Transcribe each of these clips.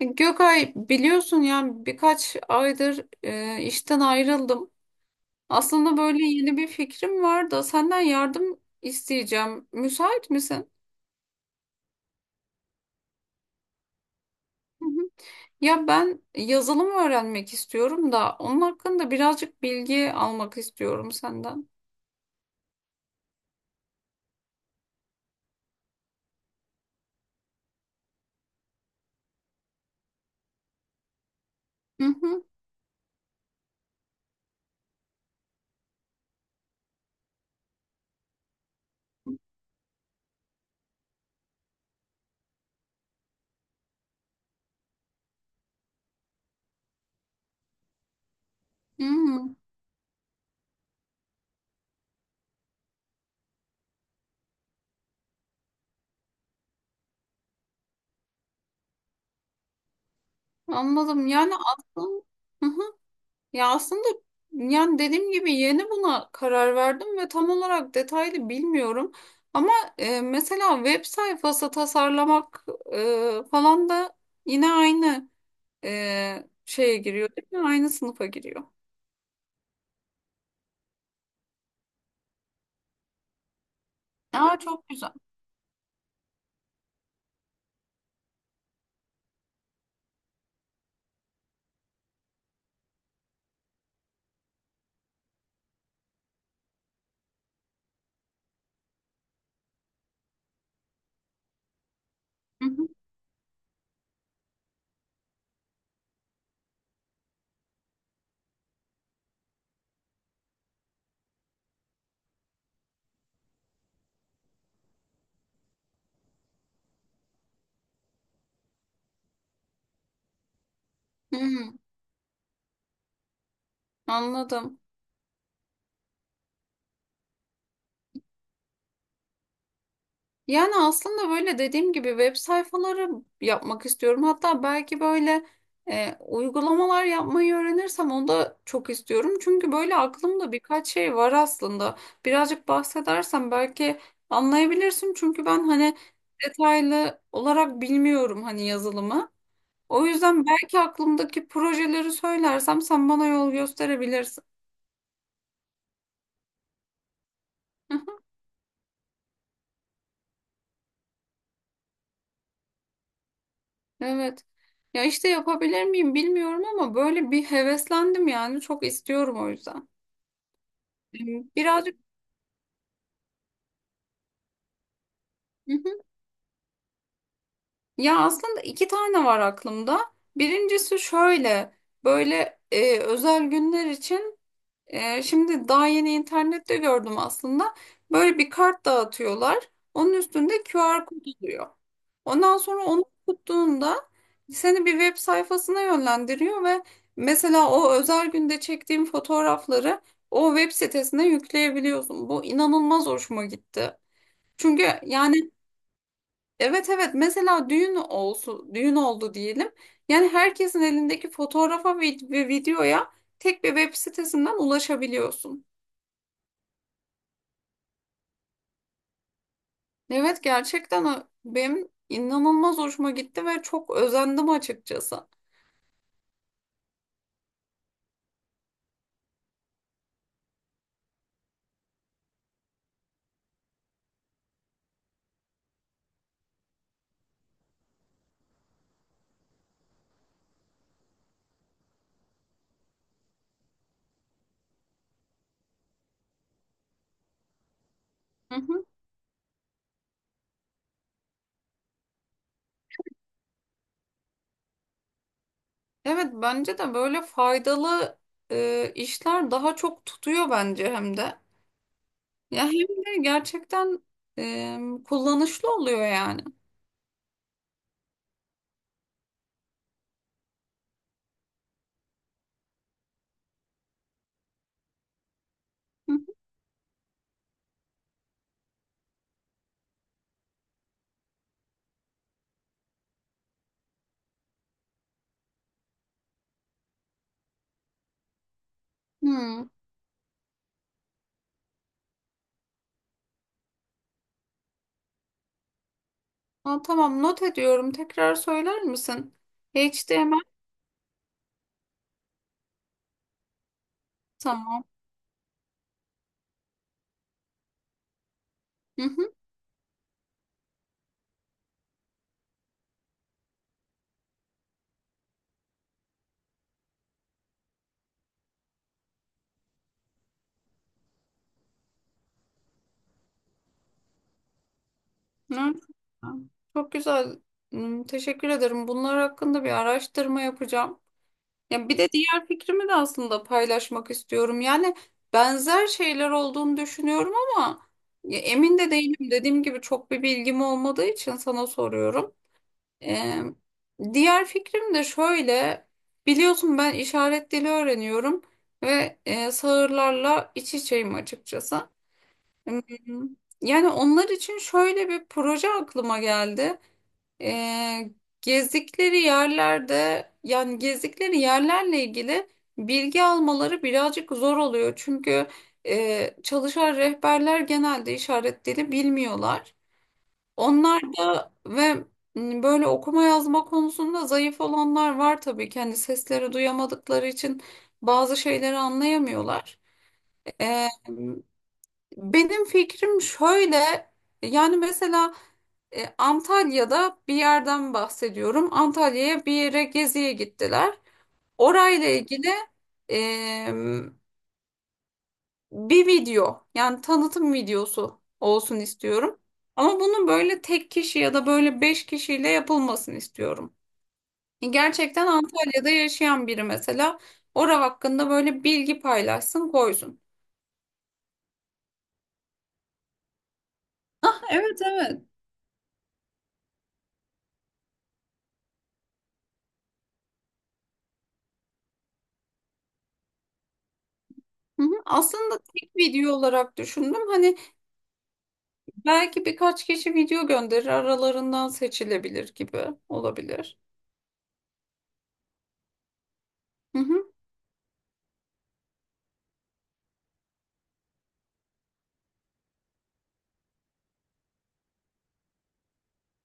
Gökay biliyorsun yani birkaç aydır işten ayrıldım. Aslında böyle yeni bir fikrim var da senden yardım isteyeceğim. Müsait misin? Hı hı. Ya ben yazılım öğrenmek istiyorum da onun hakkında birazcık bilgi almak istiyorum senden. Hı hı. Hı. Anladım. Yani aslında ya aslında yani dediğim gibi yeni buna karar verdim ve tam olarak detaylı bilmiyorum. Ama mesela web sayfası tasarlamak falan da yine aynı şeye giriyor, değil mi? Aynı sınıfa giriyor. Aa, çok güzel. Hı hı. Hı, anladım. Yani aslında böyle dediğim gibi web sayfaları yapmak istiyorum. Hatta belki böyle uygulamalar yapmayı öğrenirsem onu da çok istiyorum. Çünkü böyle aklımda birkaç şey var aslında. Birazcık bahsedersem belki anlayabilirsin. Çünkü ben hani detaylı olarak bilmiyorum hani yazılımı. O yüzden belki aklımdaki projeleri söylersem sen bana yol gösterebilirsin. Evet. Ya işte yapabilir miyim bilmiyorum ama böyle bir heveslendim yani çok istiyorum o yüzden. Hmm, Birazcık. Hı hı. Ya aslında iki tane var aklımda. Birincisi şöyle, böyle özel günler için, şimdi daha yeni internette gördüm aslında. Böyle bir kart dağıtıyorlar. Onun üstünde QR kod oluyor. Ondan sonra onu tuttuğunda seni bir web sayfasına yönlendiriyor ve mesela o özel günde çektiğim fotoğrafları o web sitesine yükleyebiliyorsun. Bu inanılmaz hoşuma gitti. Çünkü yani evet evet, mesela düğün olsun, düğün oldu diyelim. Yani herkesin elindeki fotoğrafa ve videoya tek bir web sitesinden ulaşabiliyorsun. Evet, gerçekten benim inanılmaz hoşuma gitti ve çok özendim açıkçası. Hı hı. Evet, bence de böyle faydalı işler daha çok tutuyor bence hem de. Ya hem de gerçekten kullanışlı oluyor yani. Hı hı. Hı. Aa, tamam, not ediyorum. Tekrar söyler misin? HTML, tamam. Hı hı. Evet. Çok güzel. Hı, teşekkür ederim. Bunlar hakkında bir araştırma yapacağım. Ya bir de diğer fikrimi de aslında paylaşmak istiyorum. Yani benzer şeyler olduğunu düşünüyorum ama ya emin de değilim. Dediğim gibi çok bir bilgim olmadığı için sana soruyorum. Ee, diğer fikrim de şöyle. Biliyorsun ben işaret dili öğreniyorum ve sağırlarla iç içeyim açıkçası. Hmm, Yani onlar için şöyle bir proje aklıma geldi. Ee, gezdikleri yerlerde, yani gezdikleri yerlerle ilgili bilgi almaları birazcık zor oluyor. Çünkü çalışan rehberler genelde işaret dili bilmiyorlar. Onlar da ve böyle okuma yazma konusunda zayıf olanlar var tabii ki. Hani sesleri duyamadıkları için bazı şeyleri anlayamıyorlar. Ee, benim fikrim şöyle, yani mesela Antalya'da bir yerden bahsediyorum. Antalya'ya bir yere geziye gittiler. Orayla ilgili e, bir video, yani tanıtım videosu olsun istiyorum. Ama bunun böyle tek kişi ya da böyle beş kişiyle yapılmasını istiyorum. E, gerçekten Antalya'da yaşayan biri mesela orası hakkında böyle bilgi paylaşsın, koysun. Evet, evet. Hı hı. Aslında tek video olarak düşündüm. Hani belki birkaç kişi video gönderir, aralarından seçilebilir gibi olabilir. Hı hı,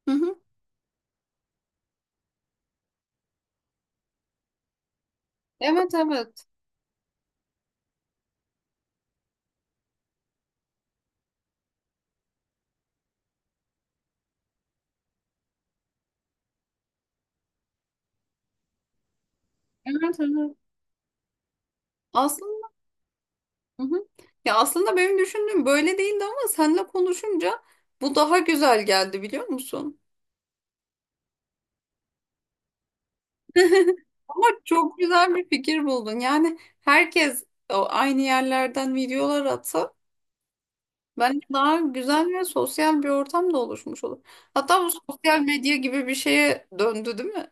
hı hı. Evet, evet. Evet, evet. Aslında, hı hı. Ya aslında benim düşündüğüm böyle değildi ama seninle konuşunca bu daha güzel geldi, biliyor musun? Ama çok güzel bir fikir buldun. Yani herkes o aynı yerlerden videolar atsa bence daha güzel ve sosyal bir ortam da oluşmuş olur. Hatta bu sosyal medya gibi bir şeye döndü, değil mi?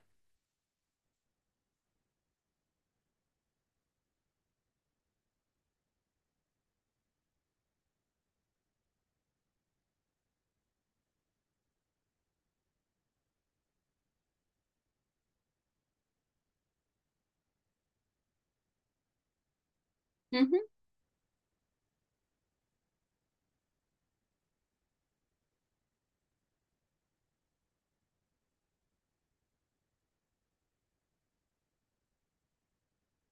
Hı hı.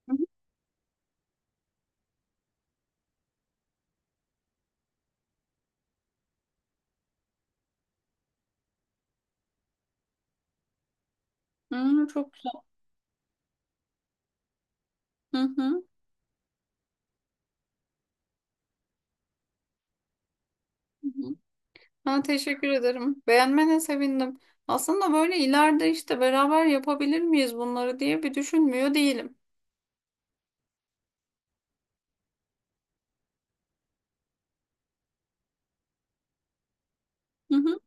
Hı hı. Hı, çok. Hı hı. Hı hı. Ben teşekkür ederim. Beğenmene sevindim. Aslında böyle ileride işte beraber yapabilir miyiz bunları diye bir düşünmüyor değilim. Hı hı.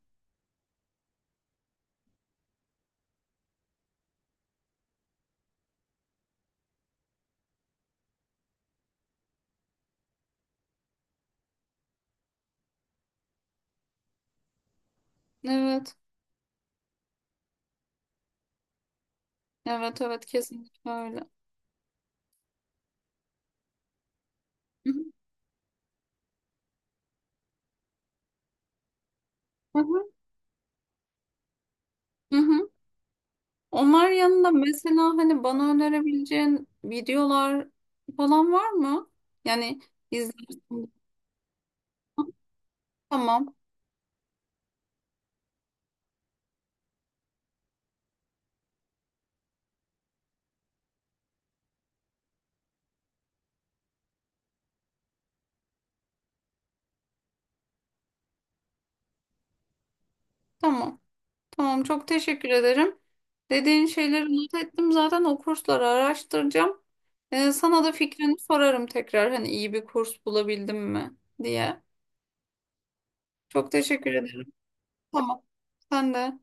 Evet. Evet evet, kesinlikle öyle. Hı hı. Hı hı. Hı. Onlar yanında mesela hani bana önerebileceğin videolar falan var mı? Yani izlersin. Tamam. Tamam. Tamam, çok teşekkür ederim. Dediğin şeyleri not ettim. Zaten o kursları araştıracağım. Sana da fikrini sorarım tekrar, hani iyi bir kurs bulabildim mi diye. Çok teşekkür ederim. Tamam. Sen de.